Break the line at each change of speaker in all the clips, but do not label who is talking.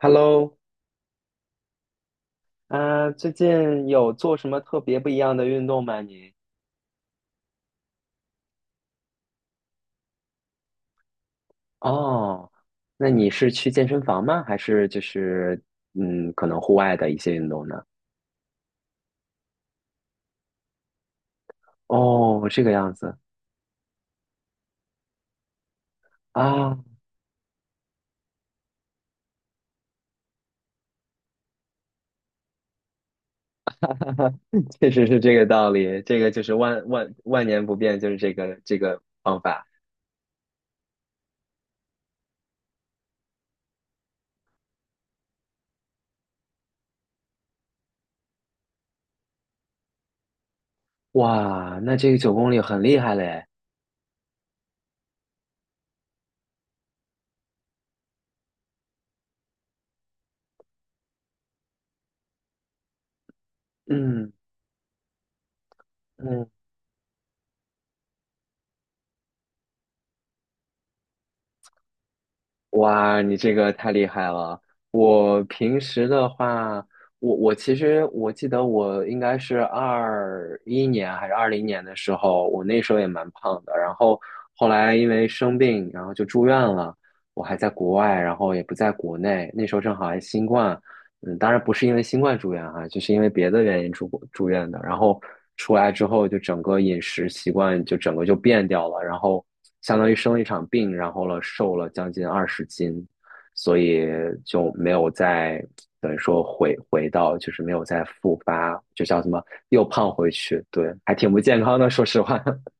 Hello。最近有做什么特别不一样的运动吗？你？哦，那你是去健身房吗？还是就是可能户外的一些运动呢？哦，这个样子啊，确实是这个道理，这个就是万年不变，就是这个方法。哇，那这个9公里很厉害嘞。嗯嗯，哇，你这个太厉害了！我平时的话，我其实我记得我应该是21年还是20年的时候，我那时候也蛮胖的。然后后来因为生病，然后就住院了。我还在国外，然后也不在国内。那时候正好还新冠，当然不是因为新冠住院哈、就是因为别的原因住过住院的。然后出来之后，就整个饮食习惯就整个就变掉了，然后相当于生了一场病，然后了瘦了将近20斤，所以就没有再等于说回到就是没有再复发，就叫什么又胖回去，对，还挺不健康的，说实话。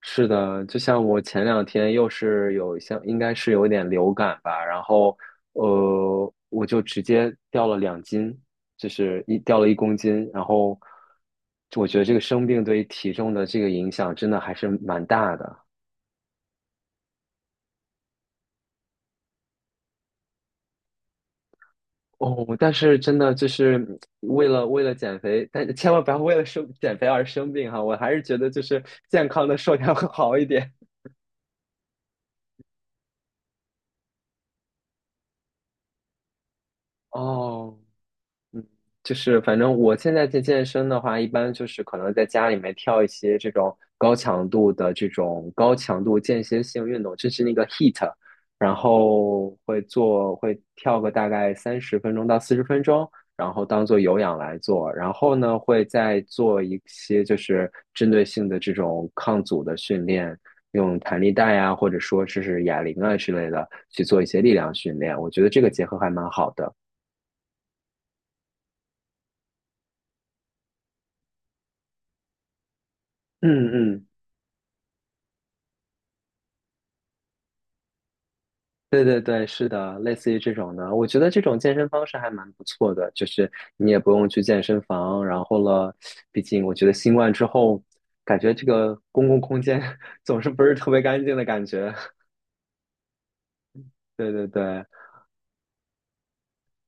是的，就像我前两天又是有像，应该是有一点流感吧，然后我就直接掉了2斤，就是一掉了1公斤，然后我觉得这个生病对于体重的这个影响真的还是蛮大的哦。但是真的就是为了减肥，但千万不要为了生减肥而生病哈，我还是觉得就是健康的瘦点会好一点 哦。嗯就是反正我现在在健身的话，一般就是可能在家里面跳一些这种高强度的这种高强度间歇性运动，就是那个 HEAT 然后会做会跳个大概30分钟到40分钟，然后当做有氧来做，然后呢会再做一些就是针对性的这种抗阻的训练，用弹力带啊，或者说是哑铃啊之类的去做一些力量训练，我觉得这个结合还蛮好的。嗯嗯。对对对，是的，类似于这种的，我觉得这种健身方式还蛮不错的，就是你也不用去健身房，然后了，毕竟我觉得新冠之后，感觉这个公共空间 总是不是特别干净的感觉。对对对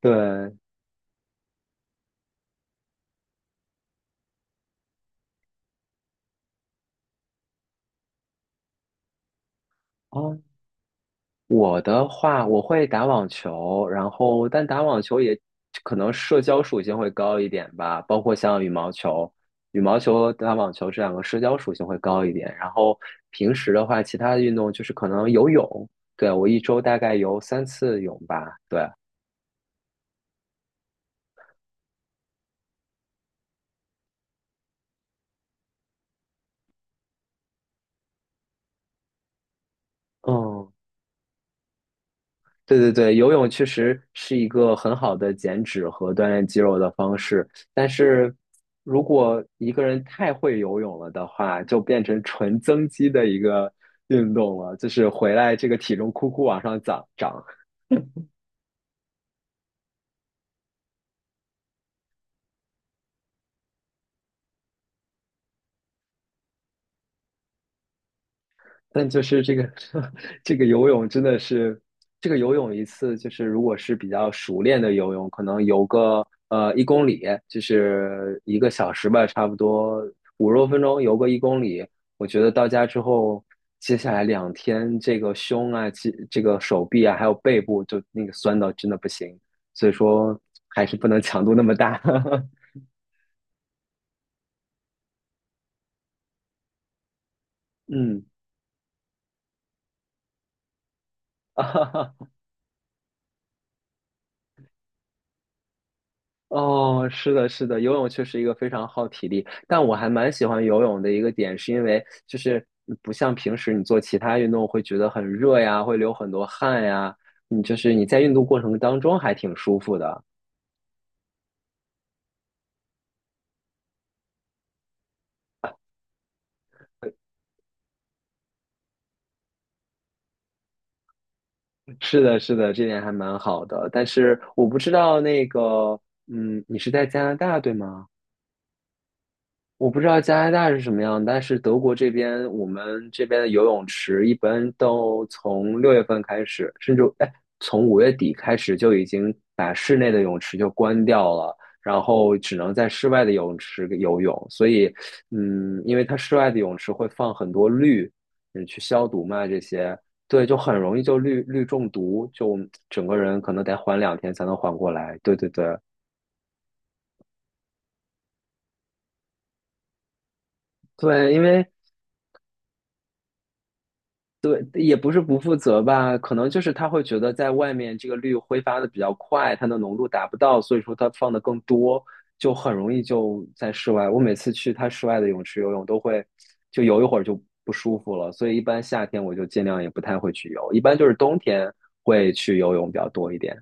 对，哦，我的话，我会打网球，然后但打网球也可能社交属性会高一点吧，包括像羽毛球，羽毛球和打网球这两个社交属性会高一点。然后平时的话，其他的运动就是可能游泳，对，我一周大概游3次泳吧，对，嗯。对对对，游泳确实是一个很好的减脂和锻炼肌肉的方式，但是如果一个人太会游泳了的话，就变成纯增肌的一个运动了，就是回来这个体重库库往上涨涨。但就是这个 这个游泳真的是，这个游泳一次就是如果是比较熟练的游泳，可能游个一公里，就是一个小时吧，差不多50多分钟游个一公里。我觉得到家之后，接下来两天这个胸啊、这个手臂啊，还有背部就那个酸到真的不行，所以说还是不能强度那么大。嗯，哦，是的，是的，游泳确实一个非常耗体力，但我还蛮喜欢游泳的一个点，是因为就是不像平时你做其他运动会觉得很热呀，会流很多汗呀，你就是你在运动过程当中还挺舒服的。是的，是的，这点还蛮好的。但是我不知道那个，你是在加拿大对吗？我不知道加拿大是什么样，但是德国这边，我们这边的游泳池一般都从6月份开始，甚至哎，从5月底开始就已经把室内的泳池就关掉了，然后只能在室外的泳池游泳。所以，因为它室外的泳池会放很多氯，去消毒嘛，这些，对，就很容易就氯中毒，就整个人可能得缓两天才能缓过来。对对对。对，因为对，也不是不负责吧，可能就是他会觉得在外面这个氯挥发的比较快，它的浓度达不到，所以说它放的更多，就很容易就在室外。我每次去他室外的泳池游泳都会，就游一会儿就不舒服了，所以一般夏天我就尽量也不太会去游，一般就是冬天会去游泳比较多一点。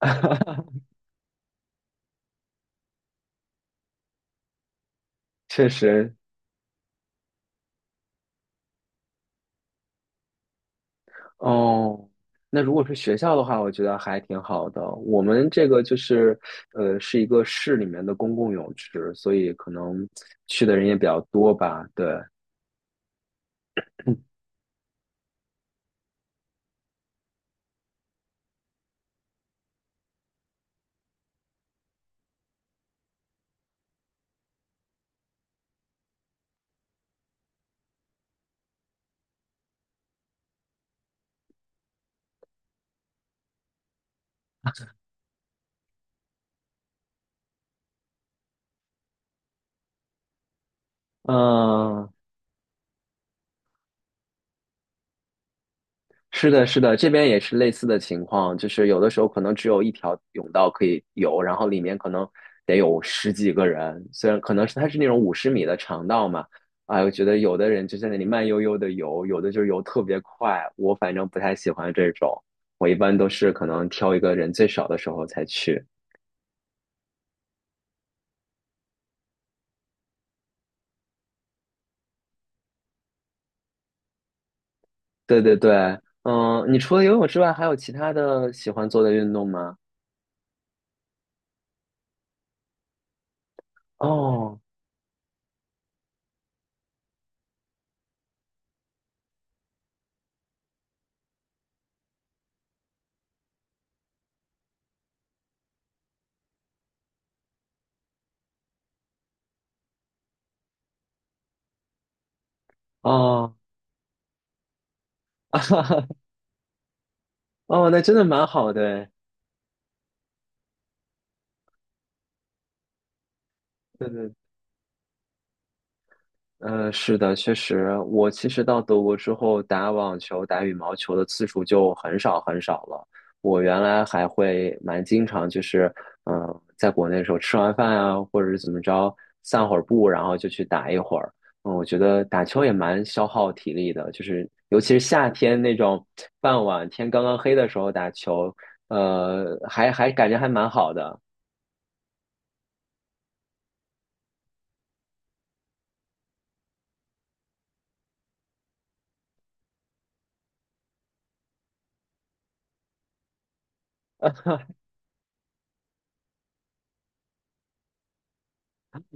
确实，哦，那如果是学校的话，我觉得还挺好的。我们这个就是，是一个市里面的公共泳池，所以可能去的人也比较多吧。对，嗯，是的，是的，这边也是类似的情况，就是有的时候可能只有一条甬道可以游，然后里面可能得有十几个人，虽然可能是它是那种50米的长道嘛，哎，我觉得有的人就在那里慢悠悠的游，有的就游特别快，我反正不太喜欢这种，我一般都是可能挑一个人最少的时候才去。对对对，嗯，你除了游泳之外，还有其他的喜欢做的运动吗？哦哦哦，那真的蛮好的，对对嗯，是的，确实，我其实到德国之后，打网球、打羽毛球的次数就很少很少了。我原来还会蛮经常，就是在国内的时候吃完饭啊，或者是怎么着，散会儿步，然后就去打一会儿。嗯，我觉得打球也蛮消耗体力的，就是尤其是夏天那种傍晚天刚刚黑的时候打球，还感觉还蛮好的。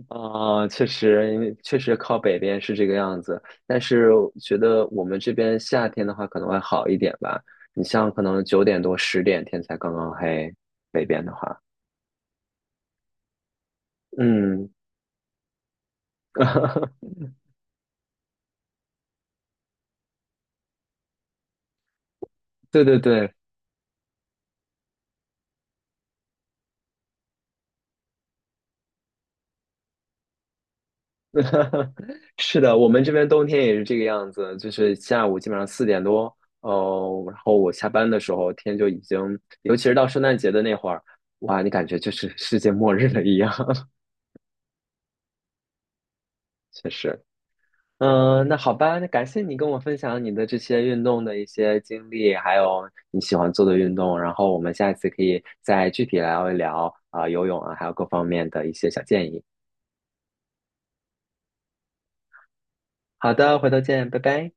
啊、确实，确实靠北边是这个样子，但是我觉得我们这边夏天的话可能会好一点吧。你像可能9点多、10点天才刚刚黑，北边的话，嗯，对对对，是的，我们这边冬天也是这个样子，就是下午基本上4点多，哦，然后我下班的时候天就已经，尤其是到圣诞节的那会儿，哇，你感觉就是世界末日了一样，确实。嗯，那好吧，那感谢你跟我分享你的这些运动的一些经历，还有你喜欢做的运动，然后我们下一次可以再具体聊一聊啊，游泳啊，还有各方面的一些小建议。好的，回头见，拜拜。